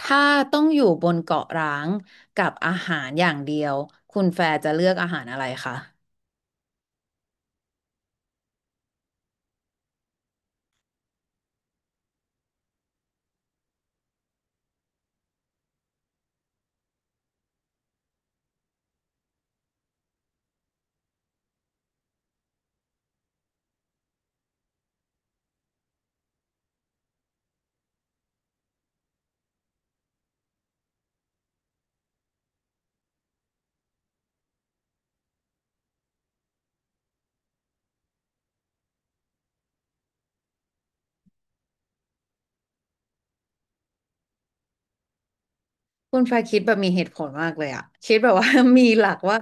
ถ้าต้องอยู่บนเกาะร้างกับอาหารอย่างเดียวคุณแฟร์จะเลือกอาหารอะไรคะคุณแฟร์คิดแบบมีเหตุผลมากเลยอะคิดแบบว่า มีหลักว่า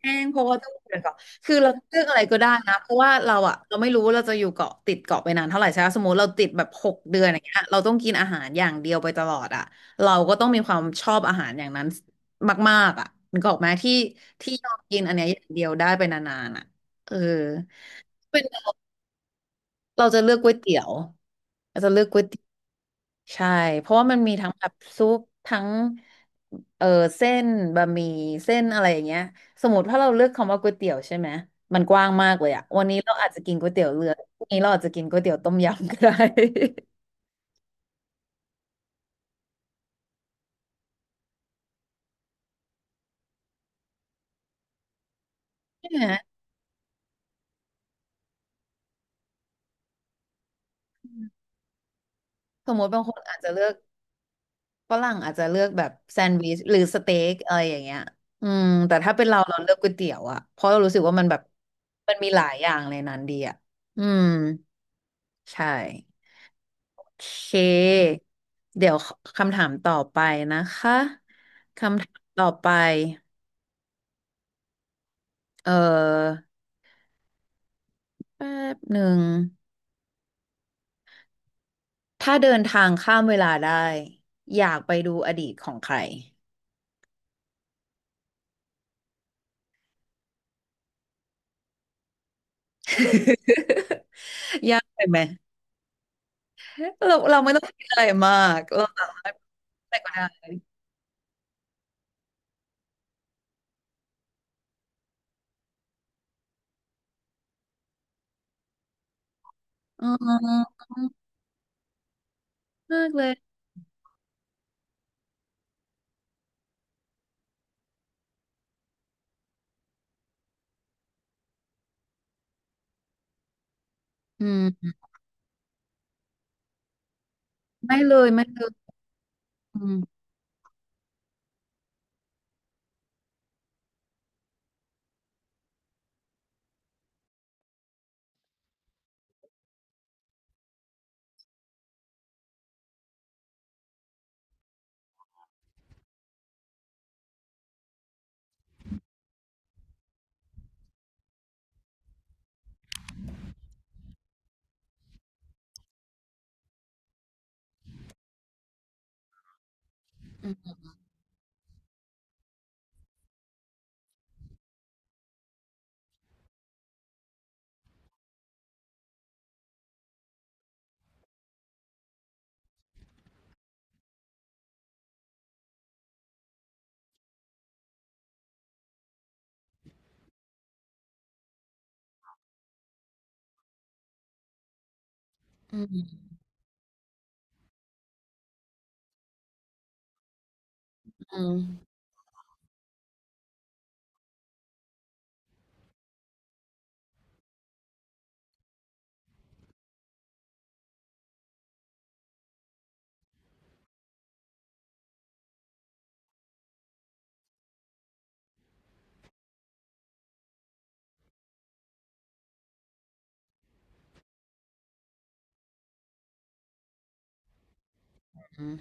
แห้งเพราะว่าต้องอยู่บนเกาะคือเราเลือกอะไรก็ได้นะเพราะว่าเราอะเราไม่รู้ว่าเราจะอยู่เกาะติดเกาะไปนานเท่าไหร่ใช่ไหมสมมติเราติดแบบหกเดือนอย่างเงี้ยเราต้องกินอาหารอย่างเดียวไปตลอดอะเราก็ต้องมีความชอบอาหารอย่างนั้นมากๆอะนึกออกไหมที่ที่ยอมกินอันเนี้ยอย่างเดียวได้ไปนานๆอะเออ เราจะเลือกก๋วยเตี๋ยวเราจะเลือกก๋วยเตี๋ยวใช่เพราะว่ามันมีทั้งแบบซุปทั้งเออเส้นบะหมี่เส้นอะไรอย่างเงี้ยสมมติถ้าเราเลือกคำว่าก๋วยเตี๋ยวใช่ไหมมันกว้างมากเลยอะวันนี้เราอาจจะกินก๋วยเตี๋ยวเรือพรุ่งนี้เราอาจจะกินก๋วยเตี๋ยวต้มยำก็ได้ ใช่ไหมสมมติบางคนอาจจะเลือกฝรั่งอาจจะเลือกแบบแซนด์วิชหรือสเต็กอะไรอย่างเงี้ยอืมแต่ถ้าเป็นเราเราเลือกก๋วยเตี๋ยวอะเพราะเรารู้สึกว่ามันแบบมันมีหลายอย่างในนั้นดีอะอืมใช่ เค เดี๋ยวคำถามต่อไปนะคะ คำถามต่อไป เออแป๊บหนึ่ง ถ้าเดินทางข้ามเวลาได้ อยากไปดูอดีตของใคร ยากไปไหมเราไม่ต้องคิดอะไรมาก เราสามารถไปก็ได้อ๋อมากเลยอืม ไม่เลยไม่เลยอืมอืมอืมอืม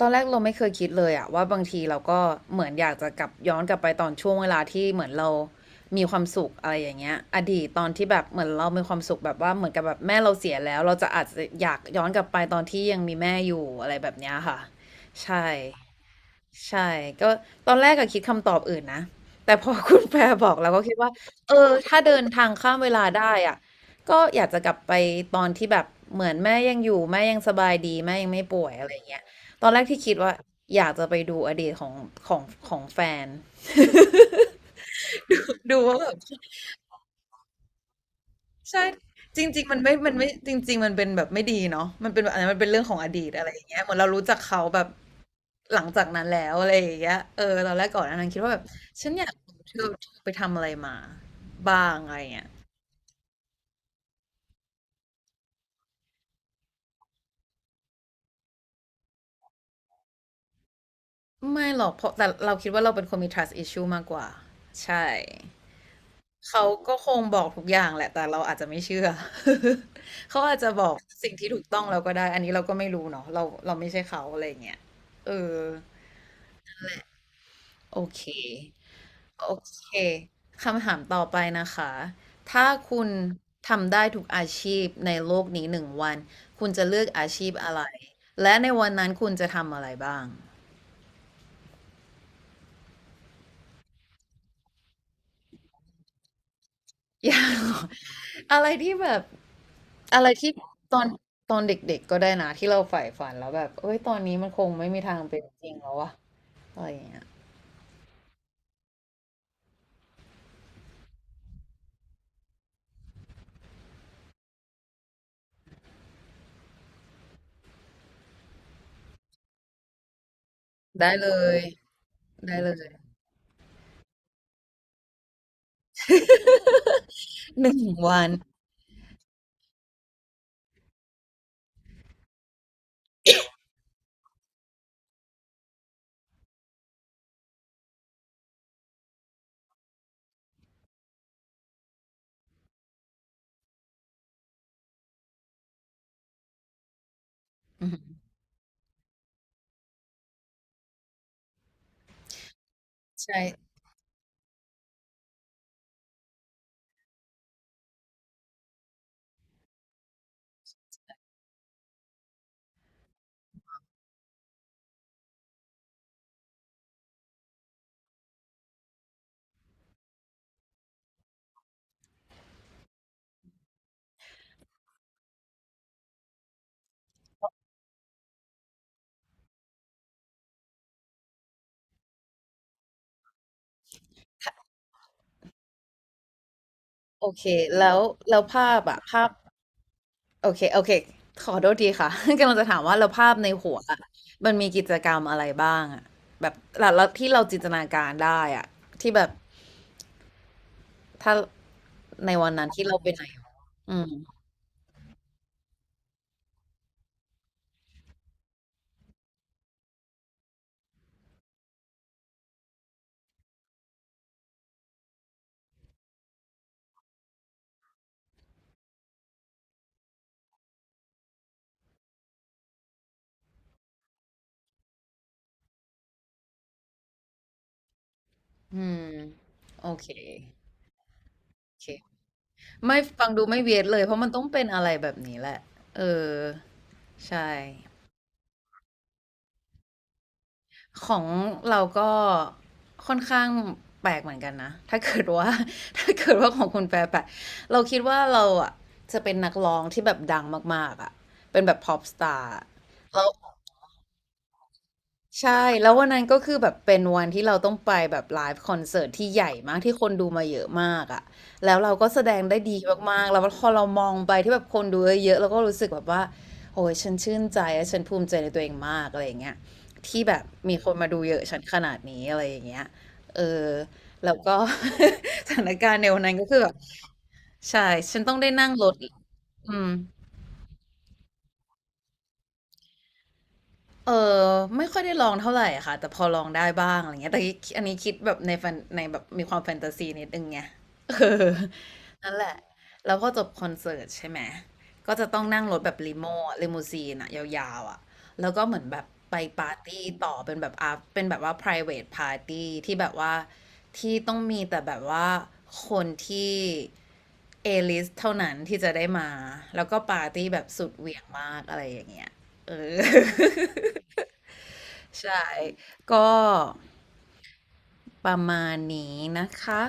ตอนแรกเราไม่เคยคิดเลยอะว่าบางทีเราก็เหมือนอยากจะกลับย้อนกลับไปตอนช่วงเวลาที่เหมือนเรามีความสุขอะไรอย่างเงี้ยอดีตตอนที่แบบเหมือนเรามีความสุขแบบว่าเหมือนกับแบบแม่เราเสียแล้วเราจะอาจจะอยากย้อนกลับไปตอนที่ยังมีแม่อยู่อะไรแบบเนี้ยค่ะใช่ ใช่ก็ตอนแรกก็คิดคำตอบอื่นนะแต่พอ คุณแพรบอกเราก็คิดว่าเออถ้าเดินทางข้ามเวลาได้อะก็อยากจะกลับไปตอนที่แบบเหมือนแม่ยังอยู่แม่ยังสบายดีแม่ยังไม่ป่วยอะไรเงี้ยตอนแรกที่คิดว่าอยากจะไปดูอดีตของของของแฟน ดูว่าแบบ ใช่จริงๆมันไม่มันไม่จริงๆมันเป็นแบบไม่ดีเนาะมันเป็นแบบอันนั้นมันเป็นเรื่องของอดีตอะไรอย่างเงี้ยเหมือนเรารู้จักเขาแบบหลังจากนั้นแล้วอะไรอย่างเงี้ยเออตอนแรกก่อนอันนั้นคิดว่าแบบฉันอยากรู้เธอไปทำอะไรมาบ้างอะไรเงี้ยไม่หรอกเพราะแต่เราคิดว่าเราเป็นคนมี trust issue มากกว่าใช่เขาก็คงบอกทุกอย่างแหละแต่เราอาจจะไม่เชื่อ เขาอาจจะบอกสิ่งที่ถูกต้องเราก็ได้อันนี้เราก็ไม่รู้เนาะเราไม่ใช่เขาอะไรอย่างเงี้ยเออโอเค โอเคคำถามต่อไปนะคะ ถ้าคุณทำได้ทุกอาชีพในโลกนี้หนึ่งวัน คุณจะเลือกอาชีพอะไร และในวันนั้นคุณจะทำอะไรบ้าง อยากรู้ อะไรที่แบบอะไรที่ตอนตอนเด็กๆก็ได้นะที่เราใฝ่ฝันแล้วแบบเอ้ยตอนนี้มันคงไม่มีทางเป็นจริงแล้ววะอะไรอย่างเงี้ยได้เลยได้เลยหนึ่งวันอือหือใช่โอเคแล้วแล้วภาพ โอเค โอเค ขอโทษทีค่ะ กำลังจะถามว่าเราภาพในหัวอะมันมีกิจกรรมอะไรบ้างอะแบบแล้วที่เราจินตนาการได้อะที่แบบ ถ้าในวันนั้นที่เราไปไหนอืมอืมโอเคโอเค ไม่ฟังดูไม่เวียดเลย เพราะมันต้องเป็นอะไรแบบนี้แหละ เออ ใช่ ของเราก็ค่อนข้างแปลกเหมือนกันนะถ้าเกิดว่า ถ้าเกิดว่าของคุณแปลกเราคิดว่าเราอ่ะจะเป็นนักร้องที่แบบดังมากๆอ่ะเป็นแบบ pop star แล้ว ใช่แล้ววันนั้นก็คือแบบเป็นวันที่เราต้องไปแบบไลฟ์คอนเสิร์ตที่ใหญ่มากที่คนดูมาเยอะมากอ่ะแล้วเราก็แสดงได้ดีมากๆแล้วพอเรามองไปที่แบบคนดูเยอะๆเราก็รู้สึกแบบว่าโอ้ยฉันชื่นใจและฉันภูมิใจในตัวเองมากอะไรอย่างเงี้ยที่แบบมีคนมาดูเยอะฉันขนาดนี้อะไรอย่างเงี้ยเออแล้วก็ สถานการณ์ในวันนั้นก็คือแบบใช่ฉันต้องได้นั่งรถอืม เออไม่ค่อยได้ลองเท่าไหร่ค่ะแต่พอลองได้บ้างอะไรเงี้ยแต่อันนี้คิดแบบในแฟนในแบบมีความแฟนตาซีนิดนึงไง เออนั่นแหละแล้วพอจบคอนเสิร์ตใช่ไหมก็จะต้องนั่งรถแบบลิโม่ลิมูซีนอะยาวๆอะแล้วก็เหมือนแบบไปปาร์ตี้ต่อเป็นแบบอาเป็นแบบว่า private party ที่แบบว่าที่ต้องมีแต่แบบว่าคนที่เอลิสเท่านั้นที่จะได้มาแล้วก็ปาร์ตี้แบบสุดเหวี่ยงมากอะไรอย่างเงี้ยเออ ใช่ ก็ประมาณนี้นะคะ